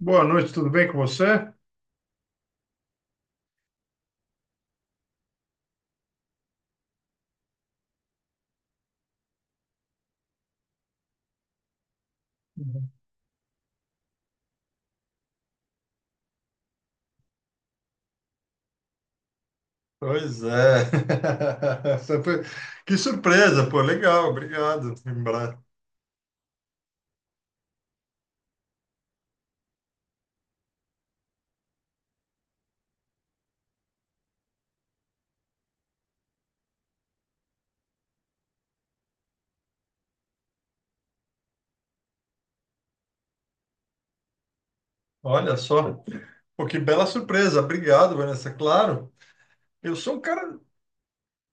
Boa noite, tudo bem com você? Pois é. Essa foi- Que surpresa, pô, legal, obrigado, lembrar. Olha só, pô, que bela surpresa, obrigado, Vanessa, claro. Eu sou um cara,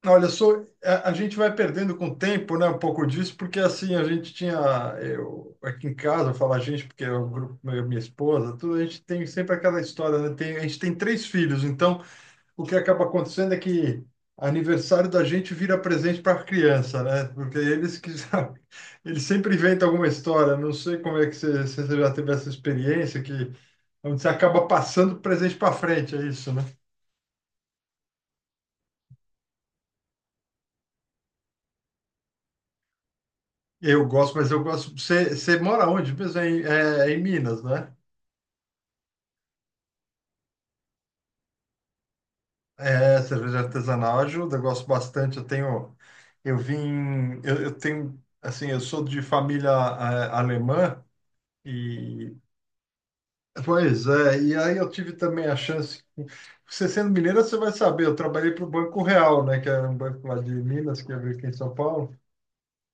olha, eu sou, a gente vai perdendo com o tempo, né, um pouco disso, porque assim, a gente tinha, eu, aqui em casa, eu falo a gente, porque é o grupo, eu, minha esposa, tudo, a gente tem sempre aquela história, né, a gente tem três filhos, então, o que acaba acontecendo é que aniversário da gente vira presente para a criança, né? Porque eles sempre inventam alguma história. Não sei como é que você, se você já teve essa experiência que onde você acaba passando presente para frente, é isso, né? Eu gosto, mas eu gosto. Você mora onde? Mesmo É em Minas, né? É, cerveja artesanal ajuda, eu gosto bastante. Eu tenho, eu vim, eu tenho, assim, eu sou de família alemã. E Pois é, e aí eu tive também a chance. Você sendo mineira, você vai saber. Eu trabalhei para o Banco Real, né? Que era um banco lá de Minas, que abriu aqui em São Paulo.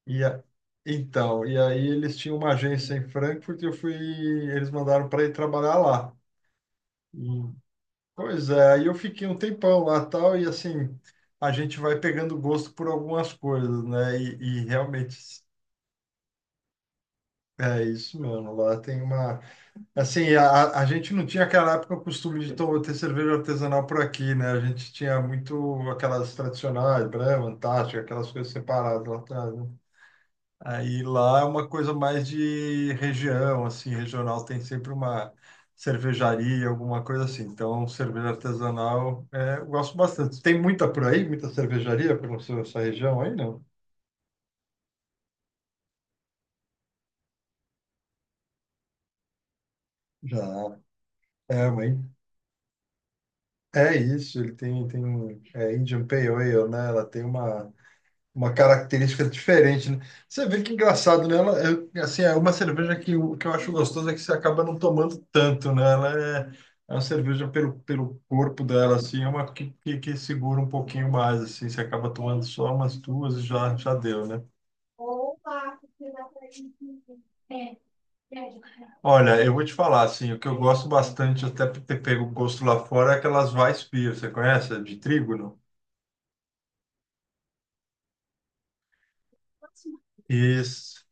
E a- então, e aí eles tinham uma agência em Frankfurt e eu fui. Eles mandaram para ir trabalhar lá. E, pois é, aí eu fiquei um tempão lá tal. E assim, a gente vai pegando gosto por algumas coisas, né? E realmente é isso mesmo. Lá tem uma Assim, a gente não tinha aquela época o costume de ter cerveja artesanal por aqui, né? A gente tinha muito aquelas tradicionais, Brahma, Antártica, aquelas coisas separadas lá atrás, né? Aí lá é uma coisa mais de região, assim, regional, tem sempre uma cervejaria, alguma coisa assim. Então, cerveja artesanal, é, eu gosto bastante. Tem muita por aí, muita cervejaria pela sua região aí, não? Já, é, mãe. É isso, ele tem, é Indian Pale Ale, né? Ela tem uma característica diferente, né? Você vê que engraçado, né? Ela, é, assim, é uma cerveja que, o que eu acho gostoso é que você acaba não tomando tanto, né? Ela é, é uma cerveja pelo corpo dela, assim, é uma que segura um pouquinho mais, assim, você acaba tomando só umas duas e já, já deu, né? Olha, eu vou te falar, assim, o que eu gosto bastante, até por ter pego gosto lá fora, é aquelas Weissbier, você conhece? De trigo, não? Isso.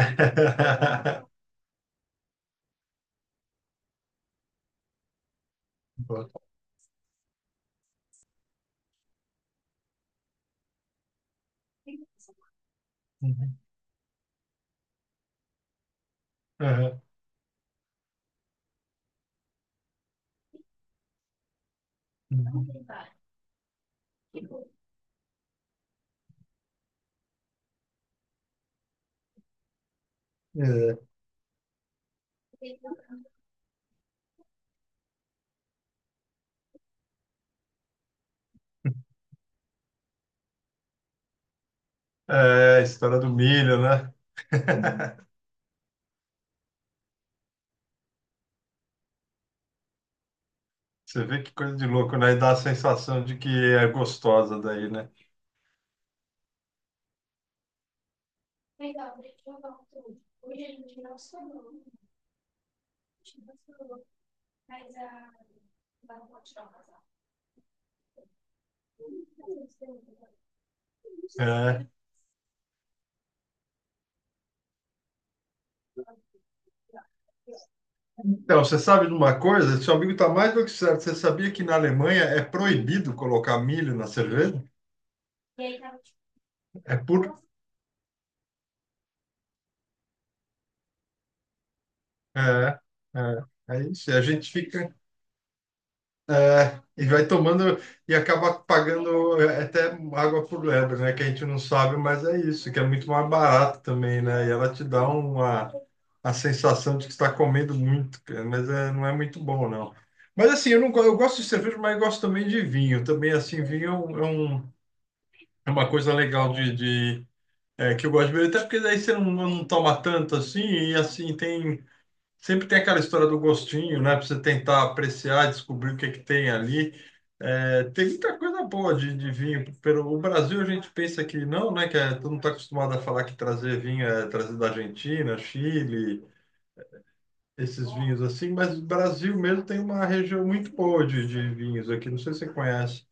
Boa. Uhum. Uhum. É. É, a história do milho, né? Você vê que coisa de louco, né? E dá a sensação de que é gostosa daí, né? É. Então, você sabe de uma coisa? Seu amigo está mais do que certo. Você sabia que na Alemanha é proibido colocar milho na cerveja? É por... É, é, é isso. E a gente fica... E vai tomando e acaba pagando é, até água por lebre, né? Que a gente não sabe, mas é isso. Que é muito mais barato também, né? E ela te dá uma... a sensação de que está comendo muito, cara, mas é, não é muito bom, não. Mas assim, eu não, eu gosto de cerveja, mas eu gosto também de vinho. Também, assim, vinho é é uma coisa legal é, que eu gosto de beber, até porque daí você não, não toma tanto assim, e assim, tem. Sempre tem aquela história do gostinho, né? Pra você tentar apreciar, descobrir o que é que tem ali. É, tem muita coisa boa de vinho. O Brasil a gente pensa que não, né? Que é, todo mundo está acostumado a falar que trazer vinho é trazer da Argentina, Chile, esses vinhos assim, mas o Brasil mesmo tem uma região muito boa de vinhos aqui, não sei se você conhece.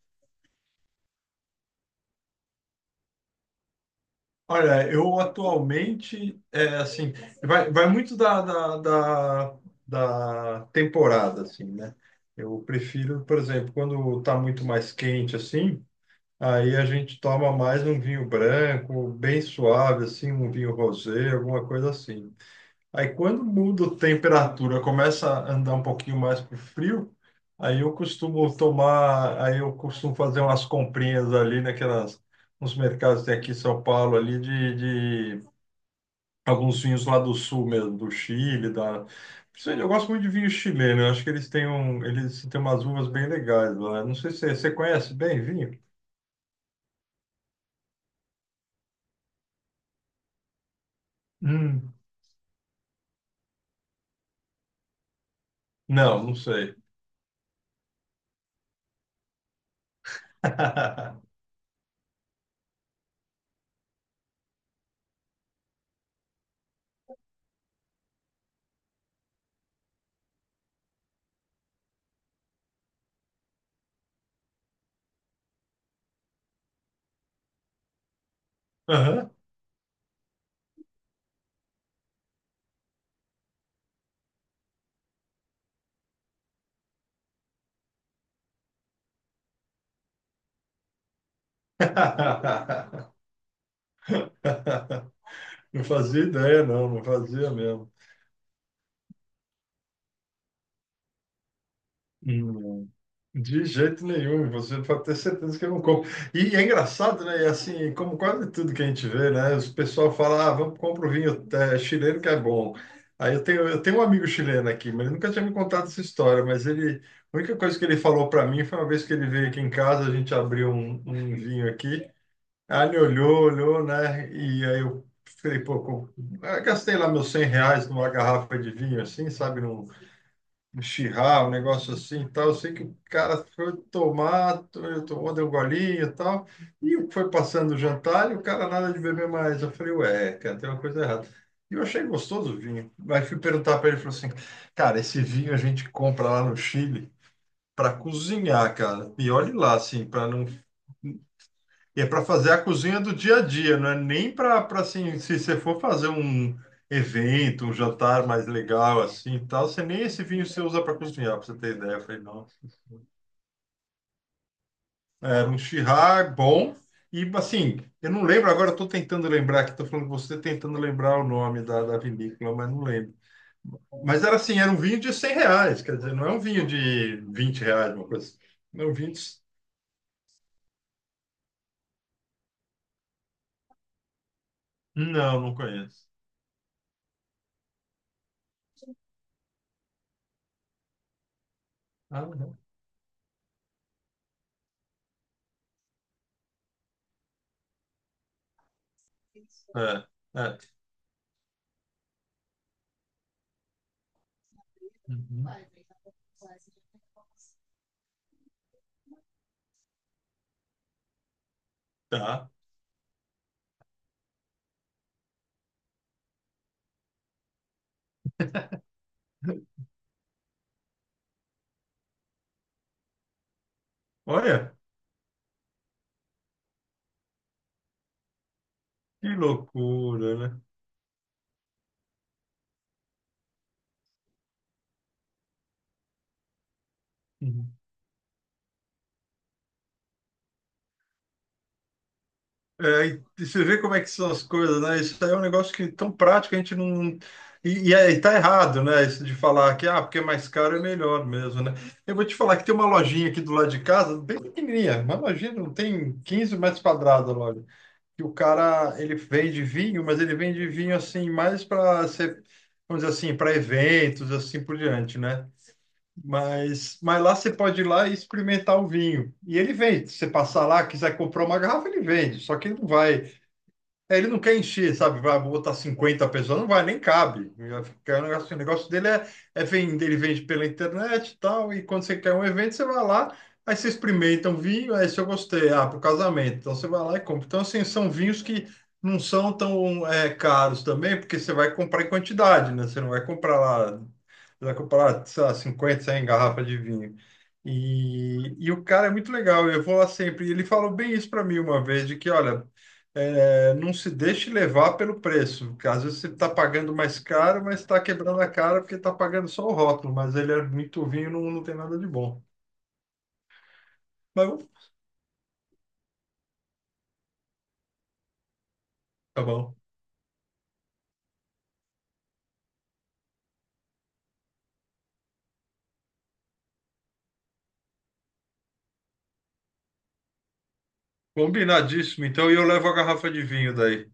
Olha, eu atualmente, é assim, vai muito da temporada, assim, né? Eu prefiro, por exemplo, quando tá muito mais quente, assim, aí a gente toma mais um vinho branco, bem suave, assim, um vinho rosé, alguma coisa assim. Aí quando muda a temperatura, começa a andar um pouquinho mais pro frio, aí eu costumo tomar, aí eu costumo fazer umas comprinhas ali naquelas, nos mercados que tem aqui em São Paulo ali de alguns vinhos lá do sul mesmo, do Chile, da principalmente, eu gosto muito de vinho chileno, eu acho que eles têm um, eles têm umas uvas bem legais lá. Não sei se você conhece bem vinho? Hum. Não, não sei. Aham. Não fazia ideia, não, não fazia mesmo. Hum, De jeito nenhum, você pode ter certeza que eu não como. E é engraçado, né? E assim, como quase tudo que a gente vê, né? O pessoal fala, ah, vamos comprar o vinho é, chileno que é bom. Aí eu tenho um amigo chileno aqui, mas ele nunca tinha me contado essa história, mas ele, a única coisa que ele falou para mim foi uma vez que ele veio aqui em casa, a gente abriu um vinho aqui, aí ele olhou, olhou, né? E aí eu falei, pô, eu gastei lá meus R$ 100 numa garrafa de vinho, assim, sabe? Num Chirrar, um negócio assim e tal. Eu sei que o cara foi tomar, tomou, deu um golinho e tal. E foi passando o jantar e o cara nada de beber mais. Eu falei, ué, cara, tem uma coisa errada. E eu achei gostoso o vinho. Aí fui perguntar para ele, ele falou assim, cara, esse vinho a gente compra lá no Chile para cozinhar, cara. E olhe lá, assim, para não. E é para fazer a cozinha do dia a dia, não é nem para assim, se você for fazer um evento, um jantar mais legal assim, e tal, você nem esse vinho você usa para cozinhar, para você ter ideia. Eu falei, não. Era um Shiraz bom e assim, eu não lembro agora, estou tentando lembrar aqui, estou falando com você tentando lembrar o nome da vinícola, mas não lembro. Mas era assim, era um vinho de R$ 100, quer dizer, não é um vinho de R$ 20, uma coisa assim. Não, 20. Não, não conheço. Ah, não. É, é. Uhum. Tá. Olha, que loucura, né? Uhum. É, e você vê como é que são as coisas, né? Isso aí é um negócio que é tão prático, a gente não. E tá errado, né? Isso de falar que, ah, porque é mais caro é melhor mesmo, né? Eu vou te falar que tem uma lojinha aqui do lado de casa, bem pequenininha, uma lojinha, não tem 15 metros quadrados a loja. E o cara, ele vende vinho, mas ele vende vinho assim, mais para ser, vamos dizer assim, para eventos, assim por diante, né? Mas lá você pode ir lá e experimentar o vinho. E ele vende. Se você passar lá, quiser comprar uma garrafa, ele vende. Só que ele não vai. É, ele não quer encher, sabe? Vai botar 50 pessoas, não vai, nem cabe. Vai ficar um negócio- O negócio dele é, vender, ele vende pela internet e tal, e quando você quer um evento, você vai lá, aí você experimenta um vinho, aí se eu gostei, ah, pro casamento, então você vai lá e compra. Então, assim, são vinhos que não são tão caros também, porque você vai comprar em quantidade, né? Você não vai comprar lá, você vai comprar, sei lá, 50, 100 garrafas de vinho. E o cara é muito legal, eu vou lá sempre. E ele falou bem isso para mim uma vez, de que, olha, não se deixe levar pelo preço, porque às vezes você está pagando mais caro, mas está quebrando a cara porque está pagando só o rótulo, mas ele é muito vinho, não, não tem nada de bom. Mas tá bom. Combinadíssimo, então, e eu levo a garrafa de vinho daí.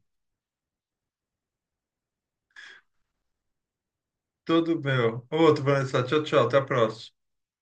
Tudo meu. Outro, Vanessa. Tchau, tchau. Até a próxima.